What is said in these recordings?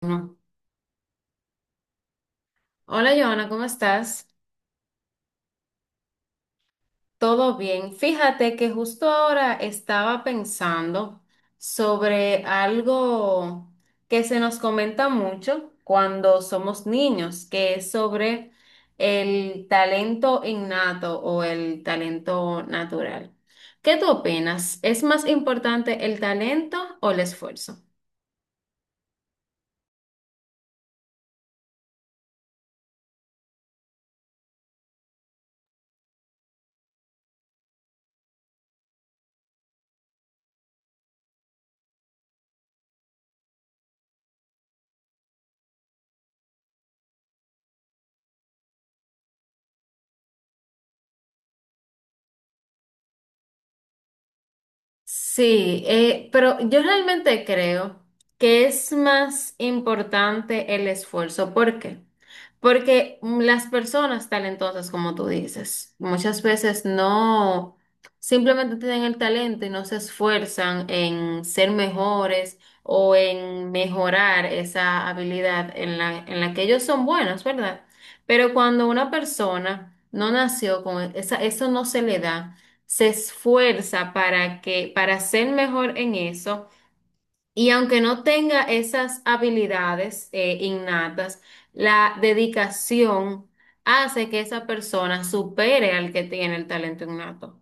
Bueno, hola, Joana, ¿cómo estás? ¿Todo bien? Fíjate que justo ahora estaba pensando sobre algo que se nos comenta mucho cuando somos niños, que es sobre el talento innato o el talento natural. ¿Qué tú opinas? ¿Es más importante el talento o el esfuerzo? Sí, pero yo realmente creo que es más importante el esfuerzo. ¿Por qué? Porque las personas talentosas, como tú dices, muchas veces no, simplemente tienen el talento y no se esfuerzan en ser mejores o en mejorar esa habilidad en la que ellos son buenos, ¿verdad? Pero cuando una persona no nació con esa, eso no se le da, se esfuerza para que, para ser mejor en eso, y aunque no tenga esas habilidades innatas, la dedicación hace que esa persona supere al que tiene el talento innato.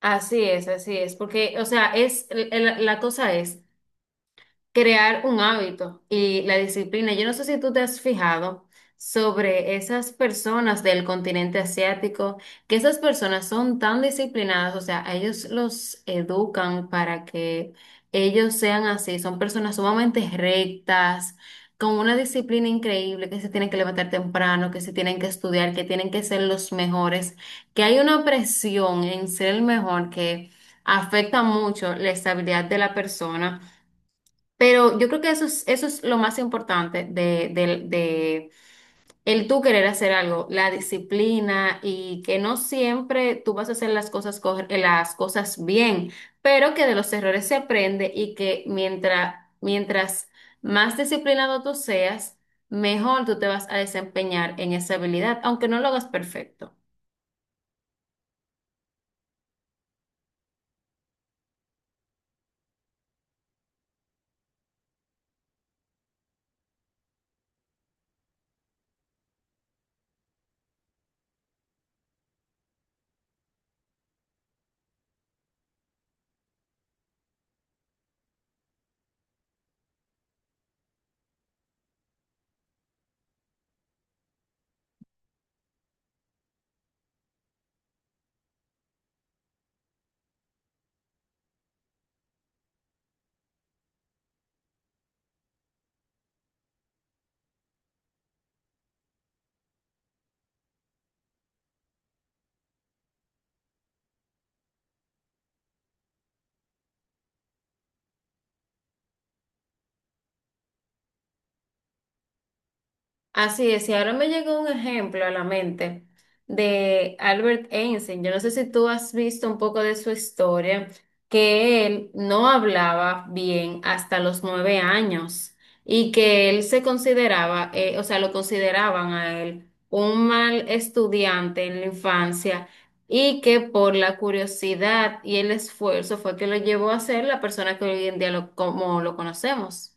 Así es, porque, o sea, es, la cosa es crear un hábito y la disciplina. Yo no sé si tú te has fijado sobre esas personas del continente asiático, que esas personas son tan disciplinadas, o sea, a ellos los educan para que ellos sean así, son personas sumamente rectas, con una disciplina increíble, que se tienen que levantar temprano, que se tienen que estudiar, que tienen que ser los mejores, que hay una presión en ser el mejor que afecta mucho la estabilidad de la persona. Pero yo creo que eso es lo más importante de, de el tú querer hacer algo, la disciplina y que no siempre tú vas a hacer las cosas, las cosas bien, pero que de los errores se aprende y que mientras, mientras más disciplinado tú seas, mejor tú te vas a desempeñar en esa habilidad, aunque no lo hagas perfecto. Así es, y ahora me llegó un ejemplo a la mente de Albert Einstein. Yo no sé si tú has visto un poco de su historia, que él no hablaba bien hasta los 9 años y que él se consideraba, o sea, lo consideraban a él un mal estudiante en la infancia y que por la curiosidad y el esfuerzo fue que lo llevó a ser la persona que hoy en día lo, como lo conocemos.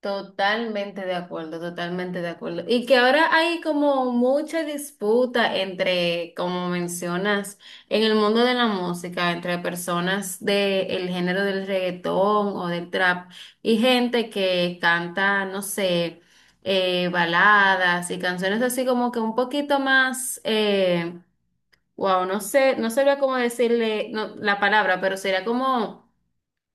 Totalmente de acuerdo, totalmente de acuerdo. Y que ahora hay como mucha disputa entre, como mencionas, en el mundo de la música, entre personas del género del reggaetón o del trap y gente que canta, no sé, baladas y canciones así como que un poquito más, wow, no sé, no sabría cómo decirle no, la palabra, pero sería como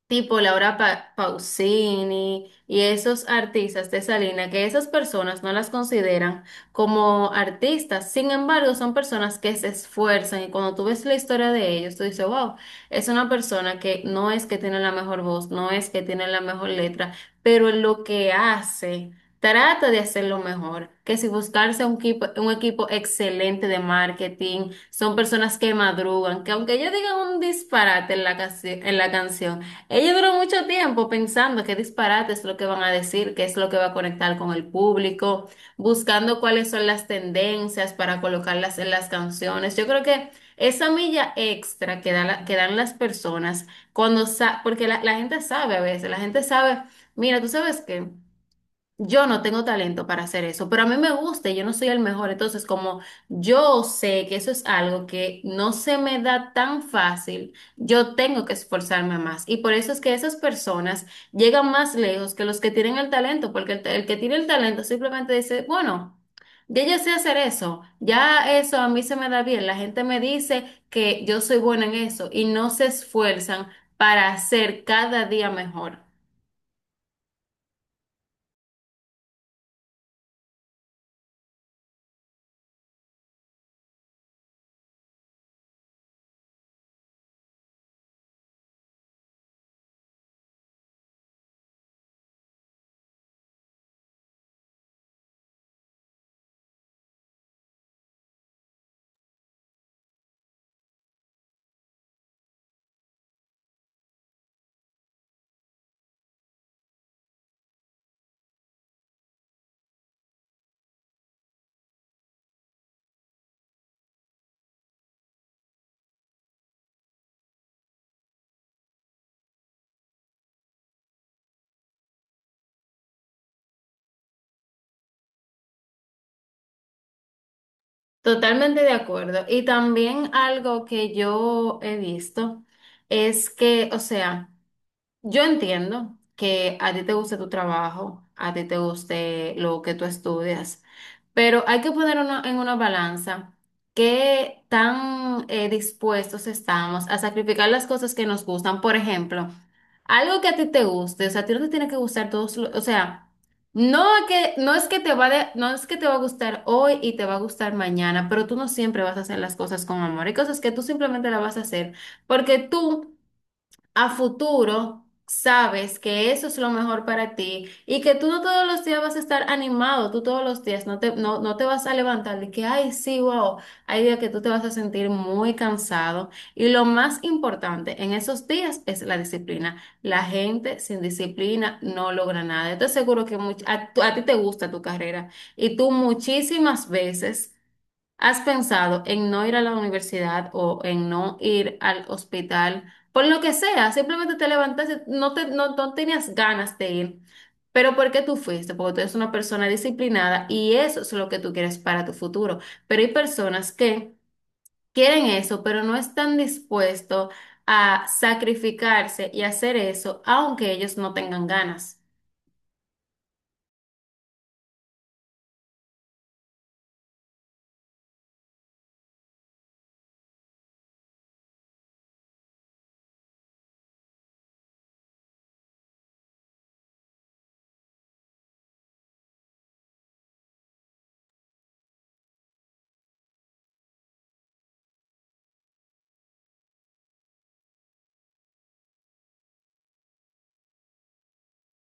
tipo Laura Pausini y esos artistas de esa línea, que esas personas no las consideran como artistas, sin embargo, son personas que se esfuerzan y cuando tú ves la historia de ellos, tú dices, wow, es una persona que no es que tiene la mejor voz, no es que tiene la mejor letra, pero en lo que hace, trata de hacerlo mejor, que si buscarse un equipo excelente de marketing, son personas que madrugan, que aunque ellos digan un disparate en la, en la canción, ella duró mucho tiempo pensando qué disparate es lo que van a decir, qué es lo que va a conectar con el público, buscando cuáles son las tendencias para colocarlas en las canciones. Yo creo que esa milla extra que, que dan las personas cuando porque la gente sabe a veces, la gente sabe, mira, tú sabes qué. Yo no tengo talento para hacer eso, pero a mí me gusta y yo no soy el mejor. Entonces, como yo sé que eso es algo que no se me da tan fácil, yo tengo que esforzarme más. Y por eso es que esas personas llegan más lejos que los que tienen el talento, porque el que tiene el talento simplemente dice, bueno, ya yo sé hacer eso, ya eso a mí se me da bien. La gente me dice que yo soy buena en eso y no se esfuerzan para hacer cada día mejor. Totalmente de acuerdo. Y también algo que yo he visto es que, o sea, yo entiendo que a ti te guste tu trabajo, a ti te guste lo que tú estudias. Pero hay que poner en una balanza qué tan dispuestos estamos a sacrificar las cosas que nos gustan. Por ejemplo, algo que a ti te guste, o sea, a ti no te tiene que gustar todos, o sea, no que no es que te no es que te va a gustar hoy y te va a gustar mañana, pero tú no siempre vas a hacer las cosas con amor. Hay cosas que tú simplemente las vas a hacer porque tú a futuro sabes que eso es lo mejor para ti y que tú no todos los días vas a estar animado, tú todos los días no te, no, no te vas a levantar de que, ay, sí, wow, hay días que tú te vas a sentir muy cansado y lo más importante en esos días es la disciplina. La gente sin disciplina no logra nada. Yo te aseguro que a ti te gusta tu carrera y tú muchísimas veces... ¿Has pensado en no ir a la universidad o en no ir al hospital? Por lo que sea, simplemente te levantaste, no, te, no, no tenías ganas de ir. Pero ¿por qué tú fuiste? Porque tú eres una persona disciplinada y eso es lo que tú quieres para tu futuro. Pero hay personas que quieren eso, pero no están dispuestos a sacrificarse y hacer eso, aunque ellos no tengan ganas.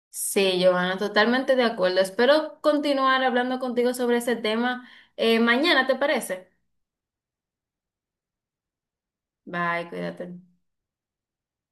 Sí, Giovanna, totalmente de acuerdo. Espero continuar hablando contigo sobre ese tema mañana, ¿te parece? Bye, cuídate.